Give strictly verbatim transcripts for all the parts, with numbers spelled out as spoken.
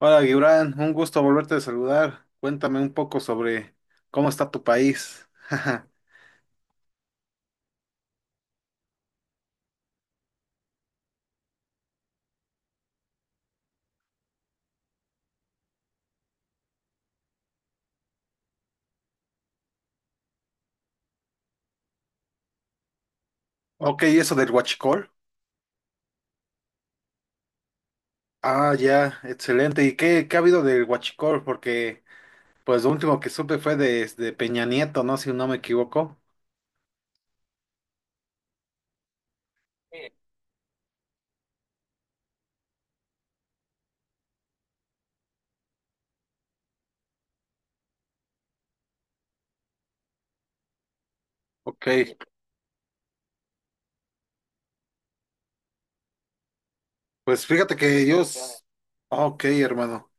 Hola, Gibran, un gusto volverte a saludar. Cuéntame un poco sobre cómo está tu país. Ok, ¿y eso del huachicol? Ah, ya, excelente. ¿Y qué, qué ha habido del huachicol? Porque, pues, lo último que supe fue de, de Peña Nieto, ¿no? Si no me equivoco. Sí. Ok, pues fíjate que ellos. s- Ok, hermano.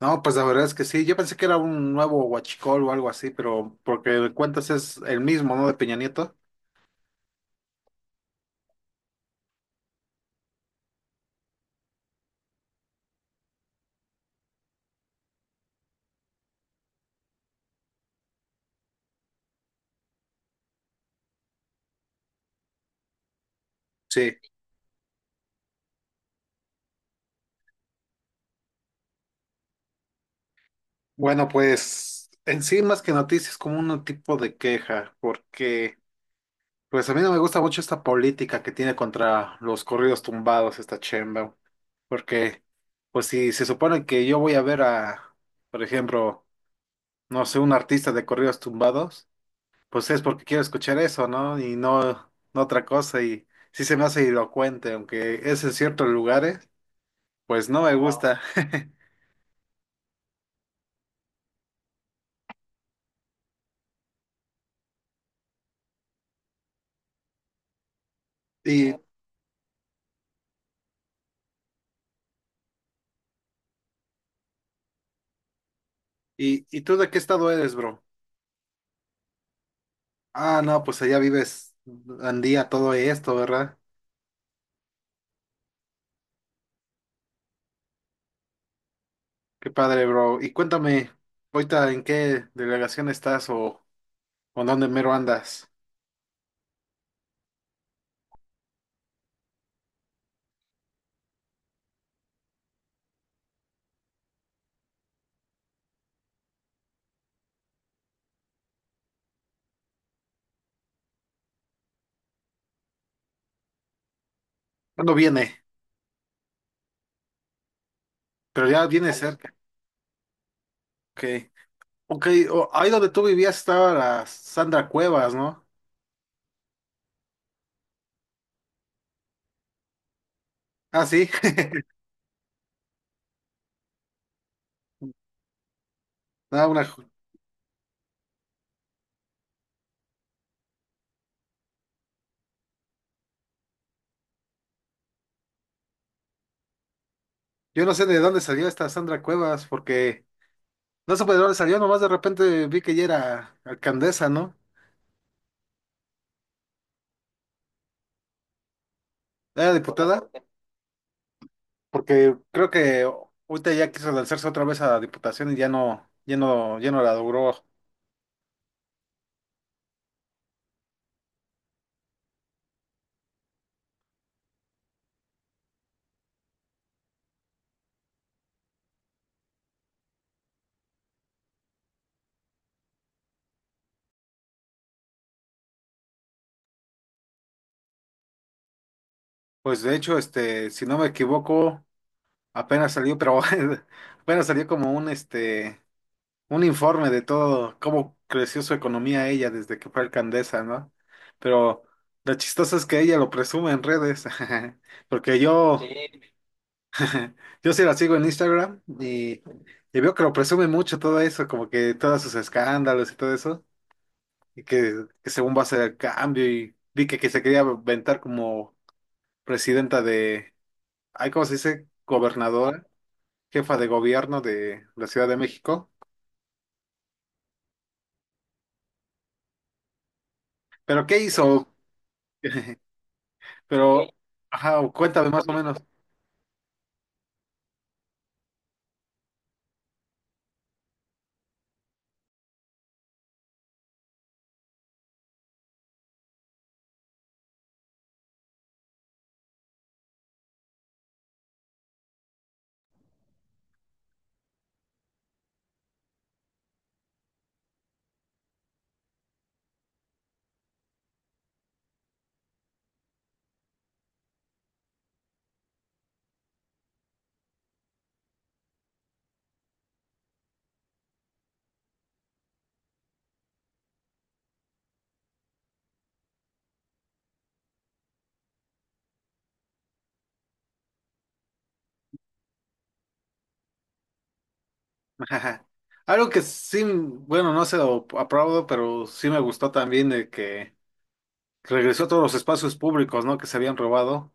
No, pues la verdad es que sí. Yo pensé que era un nuevo huachicol o algo así, pero porque de cuentas es el mismo, ¿no? De Peña Nieto. Sí, bueno, pues en sí más que noticias como un tipo de queja, porque pues a mí no me gusta mucho esta política que tiene contra los corridos tumbados esta chemba, porque pues si se supone que yo voy a ver a, por ejemplo, no sé, un artista de corridos tumbados, pues es porque quiero escuchar eso, ¿no? Y no, no otra cosa. Y sí se me hace elocuente, aunque es en ciertos lugares, pues no me, wow, gusta. Y, y, ¿Y tú de qué estado eres, bro? Ah, no, pues allá vives Andía, todo esto, ¿verdad? Qué padre, bro. Y cuéntame, ahorita en qué delegación estás o, o dónde mero andas. ¿Cuándo viene? Pero ya viene cerca. Ok. Ok, o- ahí donde tú vivías estaba la Sandra Cuevas, ¿no? Ah, sí. Ah, una. Yo no sé de dónde salió esta Sandra Cuevas, porque no supe de dónde salió, nomás de repente vi que ella era alcaldesa, ¿no? Era diputada, porque creo que ahorita ya quiso lanzarse otra vez a la diputación y ya no, ya no, ya no la logró. Pues de hecho, este, si no me equivoco, apenas salió, pero apenas salió como un este, un informe de todo, cómo creció su economía ella desde que fue alcaldesa, ¿no? Pero lo chistoso es que ella lo presume en redes, porque yo Yo sí la sigo en Instagram y, y veo que lo presume mucho todo eso, como que todos sus escándalos y todo eso, y que, que, según va a ser el cambio, y vi que, que se quería aventar como presidenta de, ay, ¿cómo se dice? Gobernadora, jefa de gobierno de la Ciudad de México. ¿Pero qué hizo? Pero, ajá, o cuéntame más o menos. Algo que sí, bueno, no se lo aplaudo, pero sí me gustó también de que regresó a todos los espacios públicos, ¿no? Que se habían robado.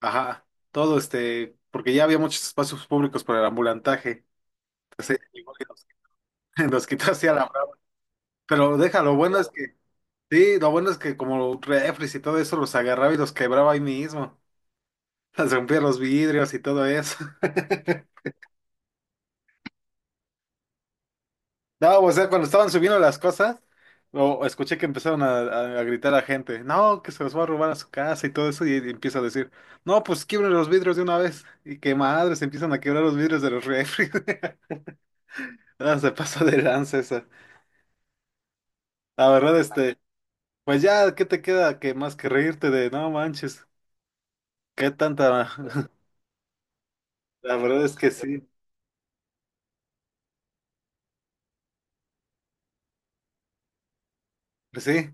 Ajá, todo este, porque ya había muchos espacios públicos para el ambulantaje, entonces igual que nos, nos quitó así a la brava. Pero deja, lo bueno es que, sí, lo bueno es que como refres y todo eso los agarraba y los quebraba ahí mismo, les rompía los vidrios y todo eso. No, o sea, cuando estaban subiendo las cosas, o escuché que empezaron a, a- a gritar a gente, no, que se los va a robar a su casa y todo eso, y, y empieza a decir, no, pues quiebren los vidrios de una vez, y que madres, empiezan a quebrar los vidrios de los refres. No, se pasó de lanza esa. La verdad, este, pues ya, ¿qué te queda que más que reírte de no manches? ¿Qué tanta? La verdad es que sí. Pues sí.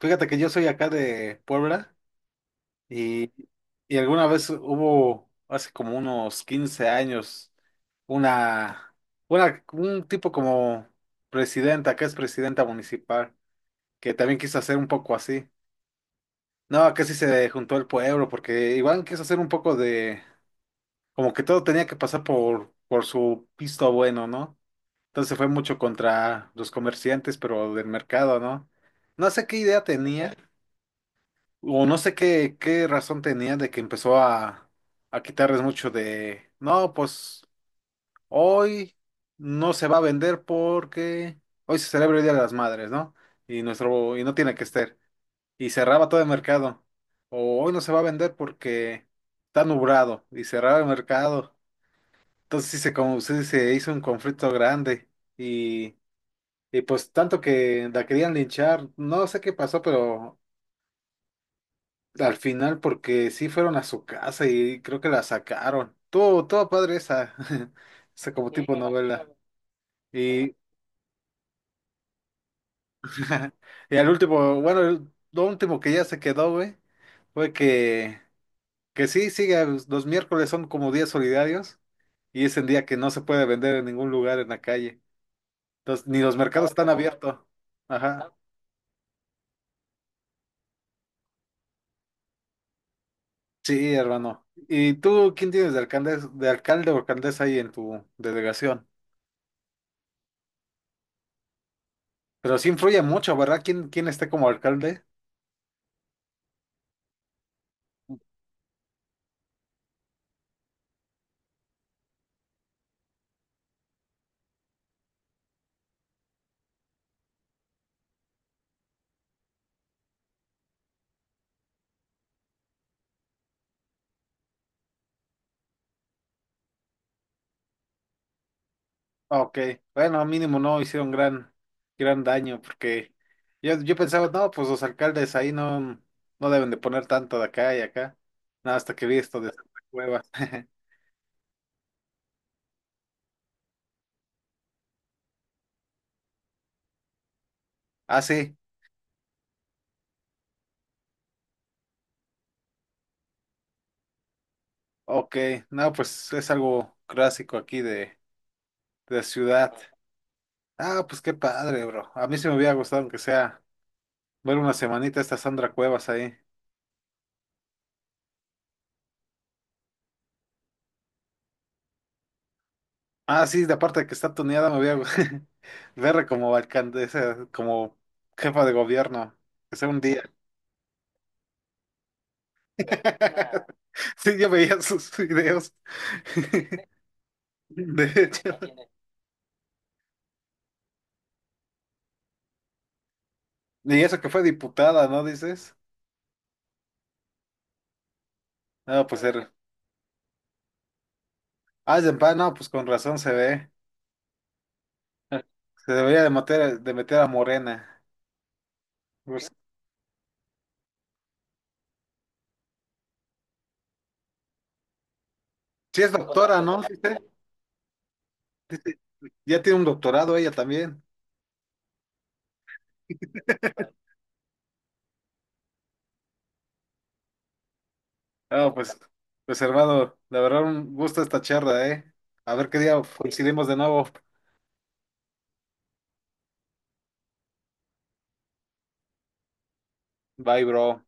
Fíjate que yo soy acá de Puebla y, y alguna vez hubo, hace como unos quince años, una, una, un tipo como presidenta, acá es presidenta municipal, que también quiso hacer un poco así. No, acá sí se juntó el pueblo, porque igual quiso hacer un poco de como que todo tenía que pasar por, por su pisto bueno, ¿no? Entonces fue mucho contra los comerciantes, pero del mercado, ¿no? No sé qué idea tenía, o no sé qué, qué razón tenía de que empezó a, a quitarles mucho de, no, pues hoy no se va a vender porque hoy se celebra el Día de las Madres, ¿no? Y nuestro, y no tiene que estar. Y cerraba todo el mercado. O hoy no se va a vender porque está nublado. Y cerraba el mercado. Entonces sí se, como, sí se hizo un conflicto grande y, y pues tanto que la querían linchar, no sé qué pasó, pero al final porque sí fueron a su casa y creo que la sacaron. Todo, todo padre esa, esa como tipo novela. Y, y al último, bueno, el- lo último que ya se quedó, güey, fue que, que sí, sigue, los miércoles son como días solidarios y es el día que no se puede vender en ningún lugar en la calle. Entonces, ni los mercados están abiertos. Ajá. Sí, hermano. ¿Y tú quién tienes de alcalde, de alcalde o alcaldesa ahí en tu delegación? Pero sí influye mucho, ¿verdad? ¿Quién, quién esté como alcalde? Ah, ok, bueno, mínimo no hicieron gran, gran daño, porque yo, yo pensaba, no, pues los alcaldes ahí no, no deben de poner tanto de acá y acá. No, hasta que vi esto de Santa Cuevas. Ah, sí, ok, no, pues es algo clásico aquí de, de ciudad. Ah, pues qué padre, bro. A mí sí me hubiera gustado aunque sea. Ver una semanita esta Sandra Cuevas ahí. Ah, sí, de aparte de que está tuneada, me voy a verla como alcaldesa, como jefa de gobierno. Que sea un día. Sí, yo veía sus videos. De hecho. Y eso que fue diputada, ¿no dices? No, pues correcto era. Ah, es de pa- no, pues con razón se ve. Se debería de meter, de meter a Morena. ¿Sí? Pues, sí es doctora, ¿no? Doctora. Dice, dice, ya tiene un doctorado ella también. Ah, pues, pues hermano, la verdad un gusto esta charla, ¿eh? A ver qué día coincidimos de nuevo. Bye, bro.